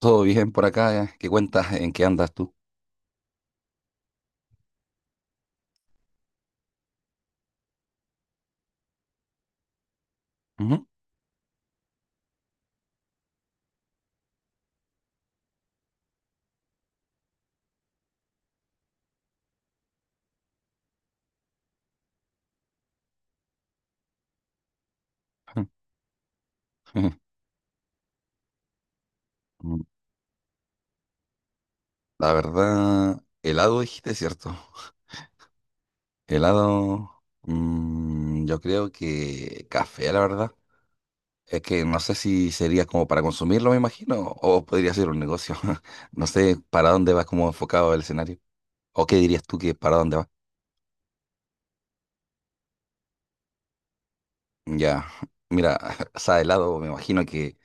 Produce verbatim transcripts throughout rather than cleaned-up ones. Todo bien por acá, eh? ¿Qué cuentas? ¿En qué andas tú? Ujú. Mm, La verdad, helado dijiste, ¿cierto? Helado, mm, yo creo que café, la verdad. Es que no sé si sería como para consumirlo, me imagino, o podría ser un negocio. No sé para dónde va como enfocado el escenario. ¿O qué dirías tú que para dónde va? Ya, mira, o sea, helado, me imagino que,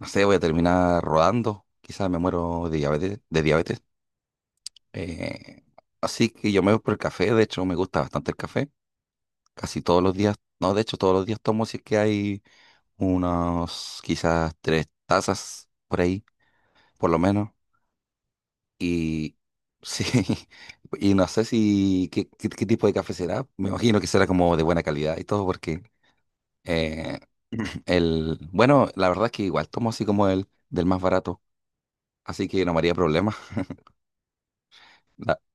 no sé, voy a terminar rodando. Quizás me muero de diabetes, de diabetes. Eh, Así que yo me voy por el café, de hecho me gusta bastante el café, casi todos los días, no, de hecho todos los días tomo si es que hay unos quizás tres tazas por ahí, por lo menos, y sí, y no sé si qué, qué- qué tipo de café será, me imagino que será como de buena calidad y todo, porque eh, el, bueno, la verdad es que igual tomo así como el del más barato, así que no me haría problema,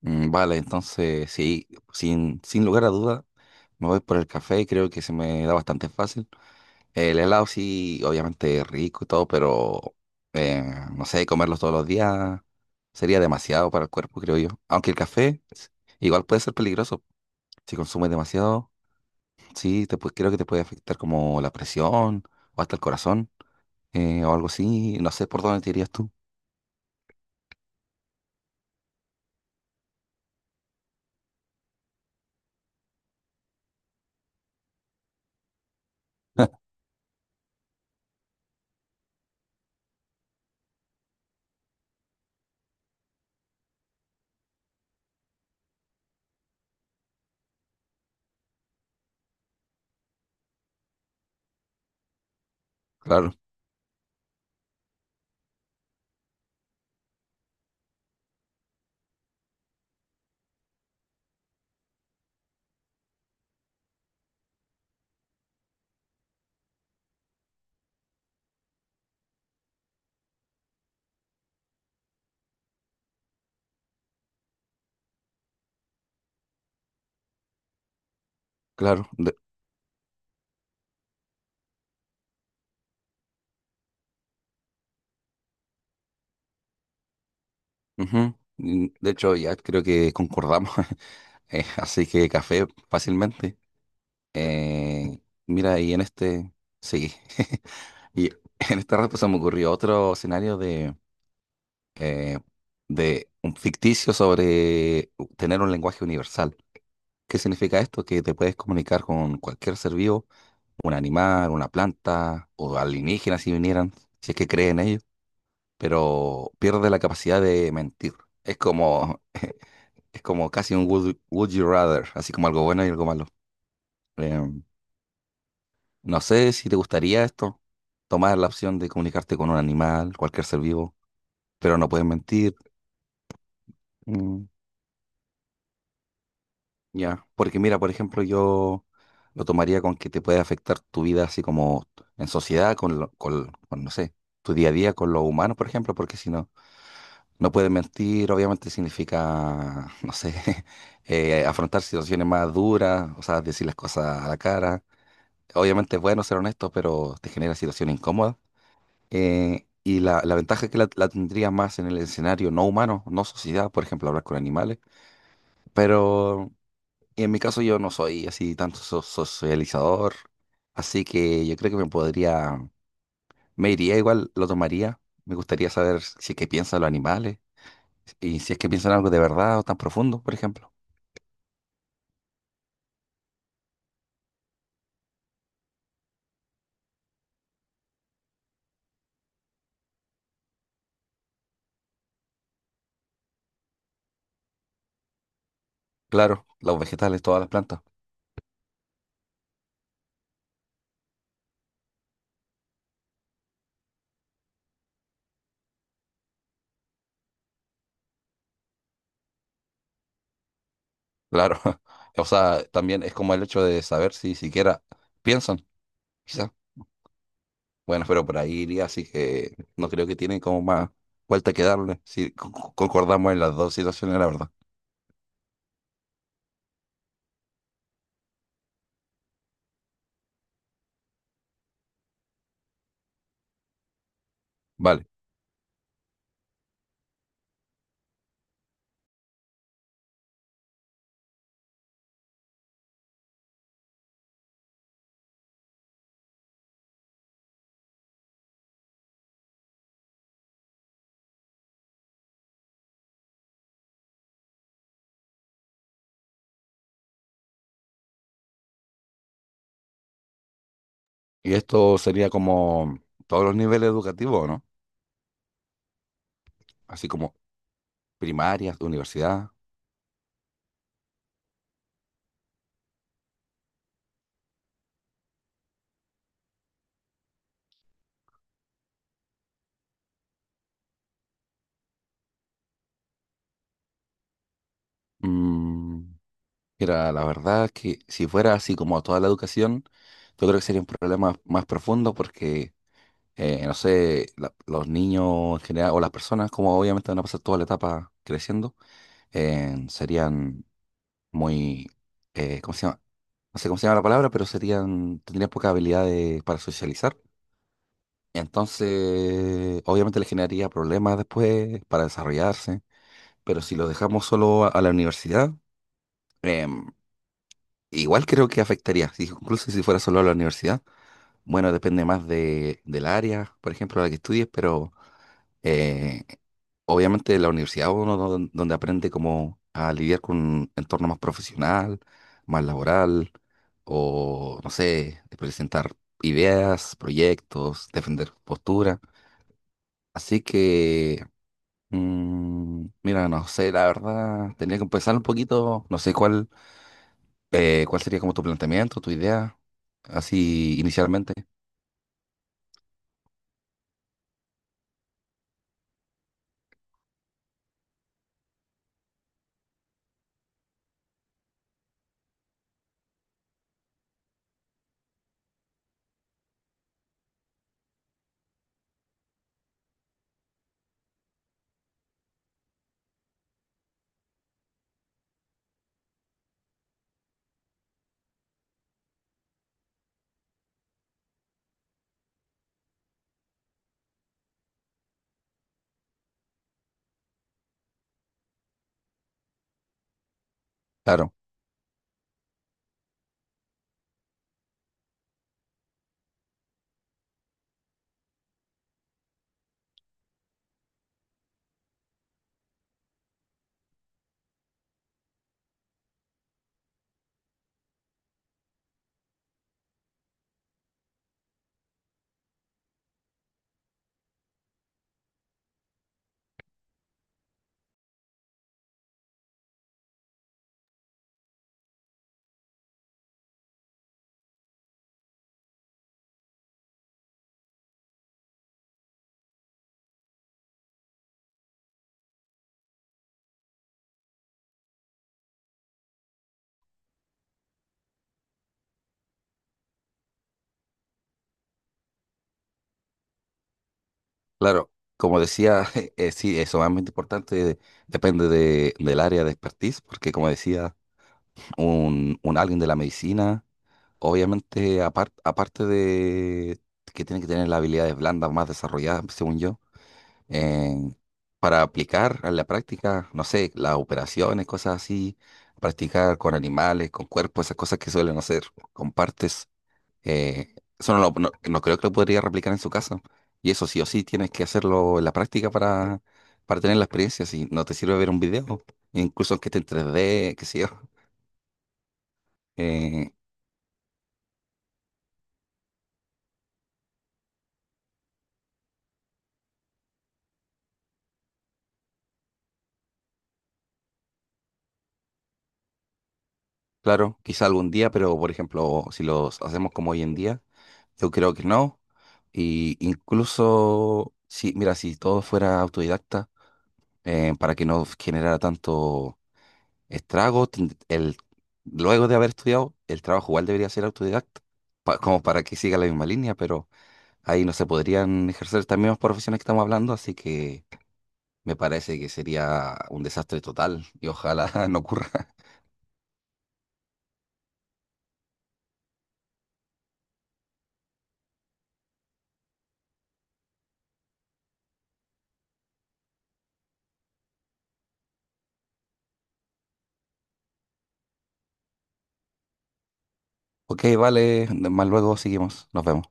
Mm, Vale, entonces sí, sin, sin lugar a duda, me voy por el café, creo que se me da bastante fácil. El helado sí, obviamente rico y todo, pero eh, no sé, comerlo todos los días sería demasiado para el cuerpo, creo yo. Aunque el café s- igual puede ser peligroso, si consumes demasiado, sí, te, pu- creo que te puede afectar como la presión o hasta el corazón, eh, o algo así, no sé por dónde te irías tú. Claro, claro. De, ujú. Mm, de hecho, ya creo que concordamos. Eh, así que café fácilmente. Eh, Mira, y en este, sí, y en esta se me ocurrió otro escenario de, eh, de un ficticio sobre tener un lenguaje universal. ¿Qué significa esto? Que te puedes comunicar con cualquier ser vivo, un animal, una planta o alienígenas si vinieran, si es que creen ellos, pero pierde la capacidad de mentir. Es como, es como casi un would, would you rather, así como algo bueno y algo malo. Em, No sé si te gustaría esto, tomar la opción de comunicarte con un animal, cualquier ser vivo, pero no puedes mentir. Mm, ya, porque mira, por ejemplo, yo lo tomaría con que te puede afectar tu vida así como en sociedad, con, lo- con, con, no sé, tu día a día con los humanos, por ejemplo, porque si no, no puedes mentir, obviamente significa, no sé, eh, afrontar situaciones más duras, o sea, decir las cosas a la cara. Obviamente es bueno ser honesto, pero te genera situaciones incómodas. Eh, y la, la ventaja es que la, la tendría más en el escenario no humano, no sociedad, por ejemplo, hablar con animales. Pero en mi caso yo no soy así tanto so- socializador, así que yo creo que me podría, me iría igual, lo tomaría. Me gustaría saber si es que piensan los animales y si es que piensan algo de verdad o tan profundo, por ejemplo. Claro, los vegetales, todas las plantas. Claro, o sea, también es como el hecho de saber si siquiera piensan, quizás. Bueno, pero por ahí iría, así que no creo que tiene como más vuelta que darle, si co- co- concordamos en las dos situaciones, la verdad. Vale, y esto sería como todos los niveles educativos, ¿no? Así como primarias, universidad. Mm, Mira, la verdad es que si fuera así como toda la educación, yo creo que sería un problema más profundo porque, eh, no sé, la- los niños en general o las personas, como obviamente van a pasar toda la etapa creciendo, eh, serían muy... eh, ¿cómo se llama? No sé cómo se llama la palabra, pero serían, tendrían poca habilidad de- para socializar. Entonces, obviamente le generaría problemas después para desarrollarse, pero si lo dejamos solo a, a la universidad, em, igual creo que afectaría, si- incluso si fuera solo a la universidad. Bueno, depende más de, del área, por ejemplo, a la que estudies, pero eh, obviamente la universidad uno don- donde aprende cómo a lidiar con un entorno más profesional, más laboral, o no sé, de presentar ideas, proyectos, defender postura. Así que, mm, mira, no sé, la verdad, tendría que empezar un poquito, no sé cuál, eh, cuál sería como tu planteamiento, tu idea, así inicialmente. Claro, claro. Como decía, eh, sí, eso es muy importante, depende de, del área de expertise, porque como decía, un, un alguien de la medicina, obviamente apar- aparte de que tiene que tener las habilidades blandas más desarrolladas, según yo, eh, para aplicar a la práctica, no sé, las operaciones, cosas así, practicar con animales, con cuerpos, esas cosas que suelen hacer con partes, eh, eso no, lo- no, no creo que lo podría replicar en su casa. Y eso sí o sí tienes que hacerlo en la práctica para, para tener la experiencia, si no te sirve ver un video, incluso aunque esté en tres d qué sé yo. Eh, Claro, quizá algún día, pero por ejemplo, si los hacemos como hoy en día, yo creo que no. Y incluso, si, mira, si todo fuera autodidacta, eh, para que no generara tanto estrago, ten- el, luego de haber estudiado, el trabajo igual debería ser autodidacta, pa- como para que siga la misma línea, pero ahí no se podrían ejercer estas mismas profesiones que estamos hablando, así que me parece que sería un desastre total y ojalá no ocurra. Ok, vale, más luego seguimos, nos vemos.